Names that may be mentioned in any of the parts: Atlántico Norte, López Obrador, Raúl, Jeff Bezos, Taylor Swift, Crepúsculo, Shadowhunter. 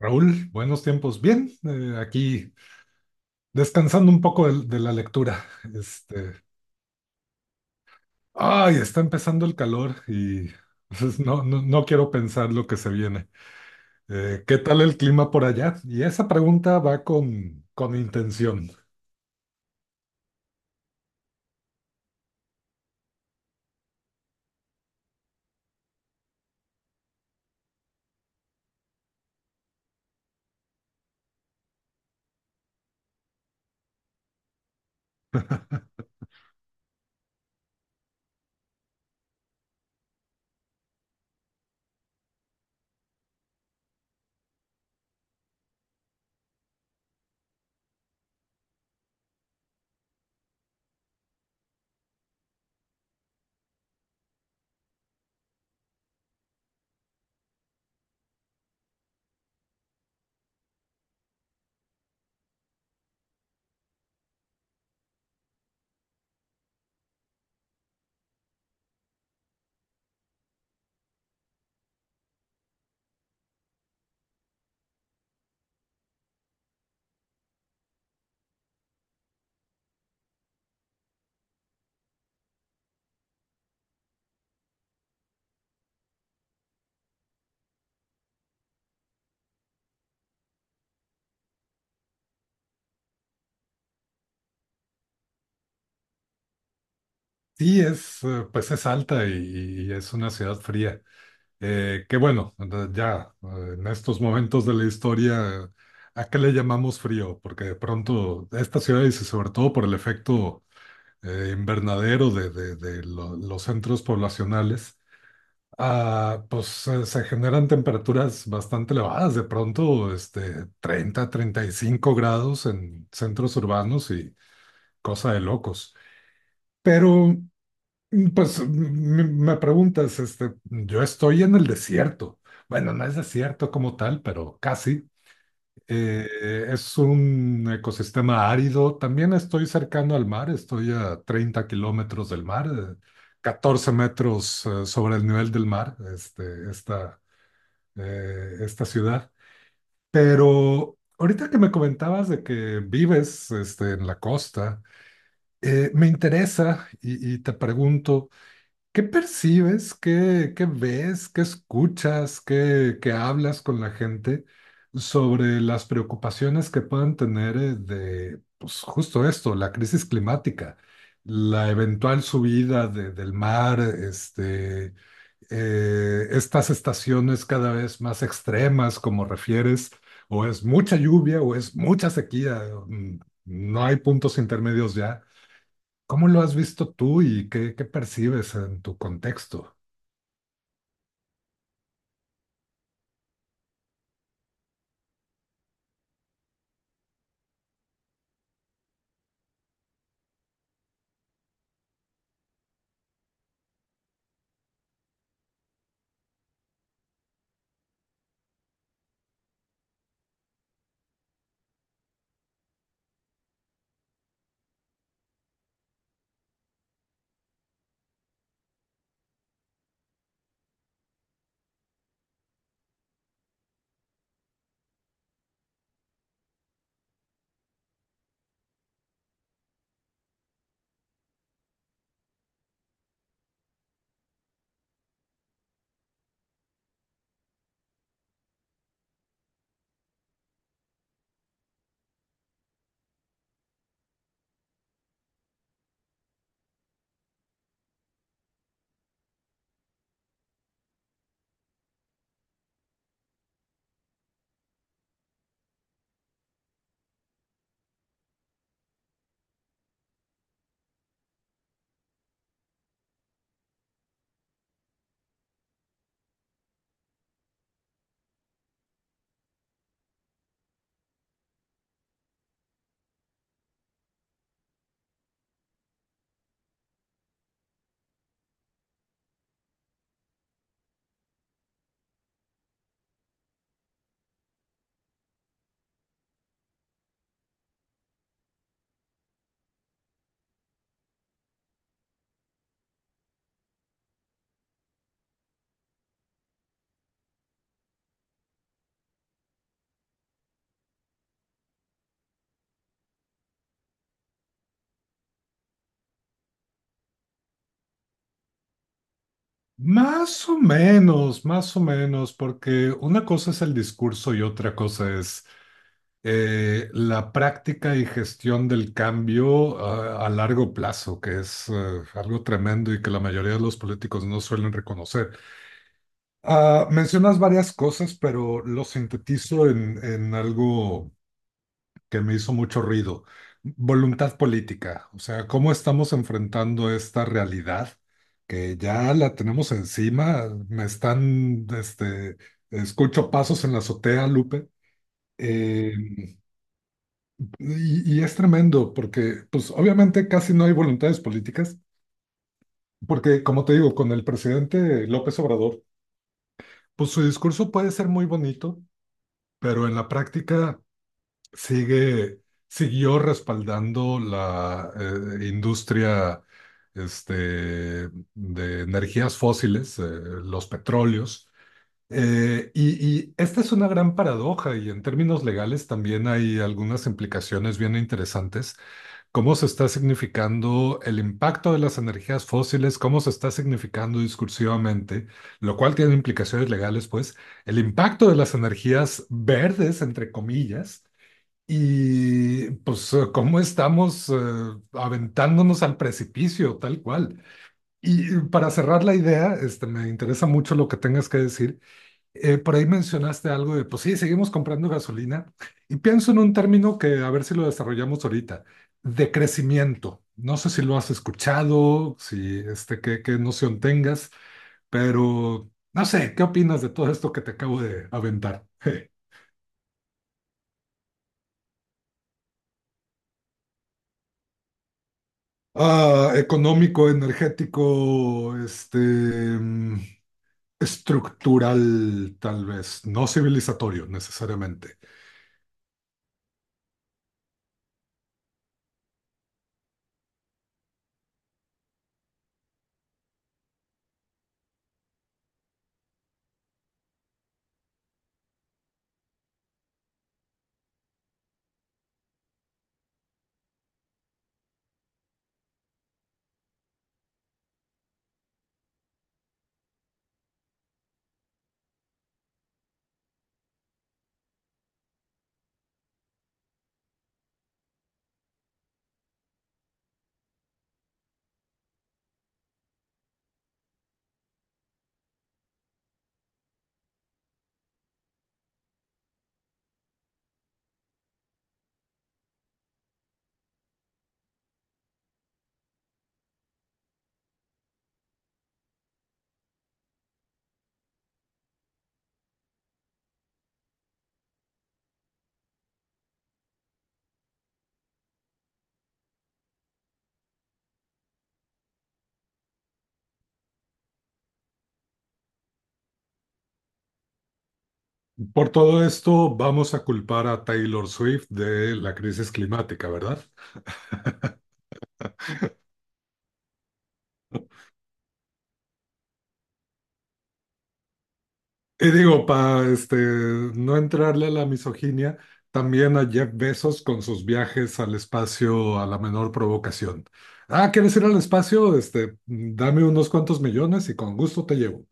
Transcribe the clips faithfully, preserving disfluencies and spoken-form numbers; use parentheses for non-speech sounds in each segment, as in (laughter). Raúl, buenos tiempos. Bien, eh, aquí descansando un poco del- de, la lectura. Este, ay, está empezando el calor y pues, no, no, no quiero pensar lo que se viene. Eh, ¿qué tal el clima por allá? Y esa pregunta va con, con intención. (laughs) Sí, es, eh, pues es alta y, y es una ciudad fría. Eh, que bueno, ya eh, en estos momentos de la historia, ¿a qué le llamamos frío? Porque de pronto esta ciudad, y sobre todo por el efecto eh, invernadero de, de- de lo- los centros poblacionales, ah, pues eh, se generan temperaturas bastante elevadas, de pronto este, treinta treinta y cinco grados en centros urbanos y cosa de locos. Pero, mm, pues mm, me, me preguntas, este, yo estoy en el desierto. Bueno, no es desierto como tal, pero casi. Eh, es un ecosistema árido. También estoy cercano al mar, estoy a treinta kilómetros del mar, eh, catorce metros eh, sobre el nivel del mar, este, esta, eh, esta ciudad. Pero ahorita que me comentabas de que vives este, en la costa, eh, me interesa y, y te pregunto. ¿Qué percibes? ¿Qué, qué ves? ¿Qué escuchas? ¿Qué, qué hablas con la gente sobre las preocupaciones que puedan tener eh, de, pues justo esto, la crisis climática, la eventual subida de- del mar, este, eh, estas estaciones cada vez más extremas, como refieres, o es mucha lluvia o es mucha sequía, mm, no hay puntos intermedios ya? ¿Cómo lo has visto tú y qué, qué percibes en tu contexto? Más o menos, más o menos, porque una cosa es el discurso y otra cosa es eh, la práctica y gestión del cambio ah, a largo plazo, que es eh, algo tremendo y que la mayoría de los políticos no suelen reconocer. Ah, mencionas varias cosas, pero lo sintetizo en, en algo que me hizo mucho ruido. Voluntad política, o sea, cómo estamos enfrentando esta realidad que ya la tenemos encima. Me están, este, escucho pasos en la azotea, Lupe. Eh, y, y es tremendo porque, pues, obviamente casi no hay voluntades políticas, porque, como te digo, con el presidente López Obrador, pues su discurso puede ser muy bonito, pero en la práctica sigue, siguió respaldando la eh, industria este, de energías fósiles, eh, los petróleos. Eh, y, y esta es una gran paradoja y en términos legales también hay algunas implicaciones bien interesantes. ¿Cómo se está significando el impacto de las energías fósiles? ¿Cómo se está significando discursivamente? Lo cual tiene implicaciones legales, pues, el impacto de las energías verdes, entre comillas, y pues eh, cómo estamos eh, aventándonos al precipicio, tal cual. Y eh, para cerrar la idea, este, me interesa mucho lo que tengas que decir. Eh, por ahí mencionaste algo de, pues sí, seguimos comprando gasolina. Y pienso en un término que a ver si lo desarrollamos ahorita, de crecimiento. No sé si lo has escuchado, si este, qué, qué noción tengas, pero no sé, ¿qué opinas de todo esto que te acabo de aventar? (laughs) ah, económico, energético, este, mm, estructural, tal vez, no civilizatorio necesariamente. Por todo esto, vamos a culpar a Taylor Swift de la crisis climática, ¿verdad? Y digo, para este, no entrarle a la misoginia, también a Jeff Bezos con sus viajes al espacio a la menor provocación. Ah, ¿quieres ir al espacio? Este, dame unos cuantos millones y con gusto te llevo.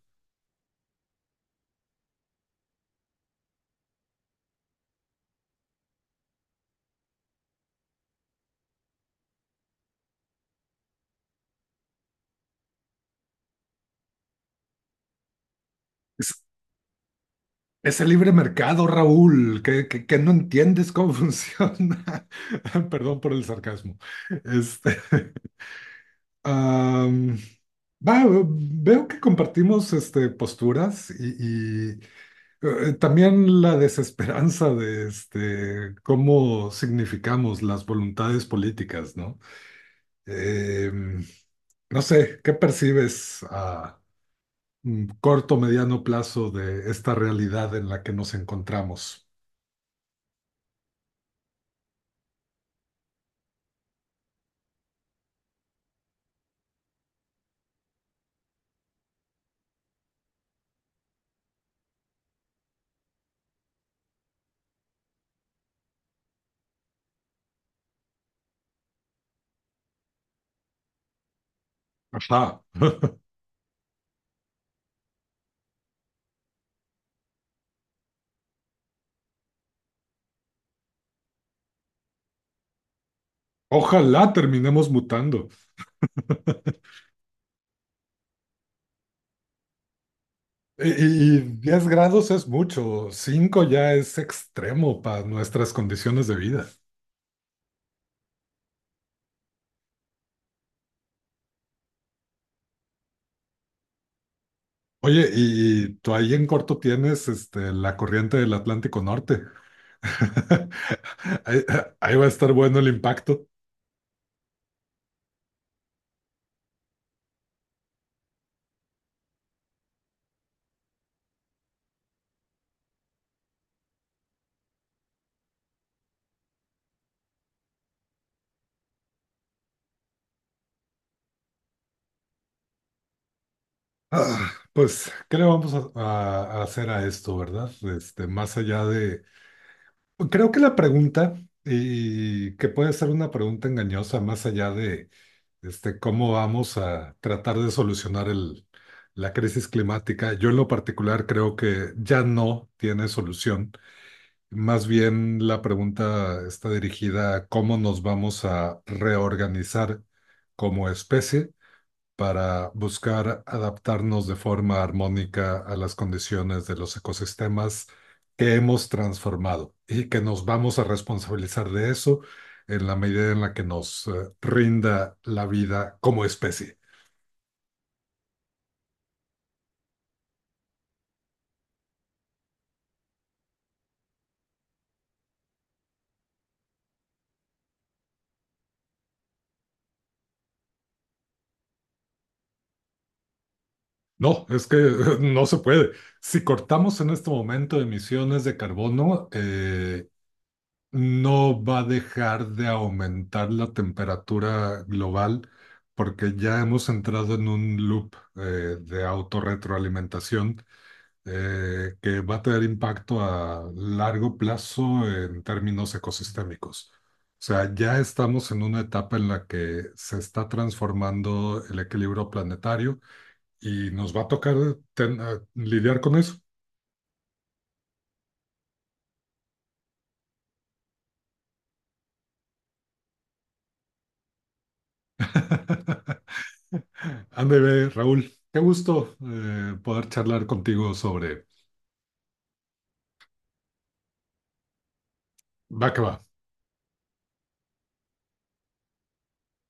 Es, es el libre mercado, Raúl, que, que, que no entiendes cómo (laughs) funciona. Perdón por el sarcasmo. Este, Am, va, veo que compartimos este, posturas y, y, eh, también la desesperanza de este, cómo significamos las voluntades políticas, ¿no? Em, no sé, ¿qué percibes a mm, corto, mediano plazo de esta realidad en la que nos encontramos? Ajá. Ojalá terminemos mutando. Y, y diez grados es mucho, cinco ya es extremo para nuestras condiciones de vida. Oye, y, y tú ahí en corto tienes este, la corriente del Atlántico Norte. (laughs) Ahí, ahí va a estar bueno el impacto. Ah, pues, ¿qué le vamos a, a- a hacer a esto, verdad? Este, más allá de. Creo que la pregunta, y que puede ser una pregunta engañosa, más allá de este, cómo vamos a tratar de solucionar el- la crisis climática. Yo en lo particular creo que ya no tiene solución. Más bien la pregunta está dirigida a cómo nos vamos a reorganizar como especie para buscar adaptarnos de forma armónica a las condiciones de los ecosistemas que hemos transformado y que nos vamos a responsabilizar de eso en la medida en la que nos eh, rinda la vida como especie. No, es que (laughs) eh, no se puede. Si cortamos en este momento emisiones de carbono, eh, no va a dejar de aumentar la temperatura global porque ya hemos entrado en un loop eh, de autorretroalimentación eh, que va a tener impacto a largo plazo en términos ecosistémicos. O sea, ya estamos en una etapa en la que se está transformando el equilibrio planetario y nos va a tocar ten- a lidiar con eso. (laughs) Ándale, Raúl, qué gusto eh, poder charlar contigo sobre va que va.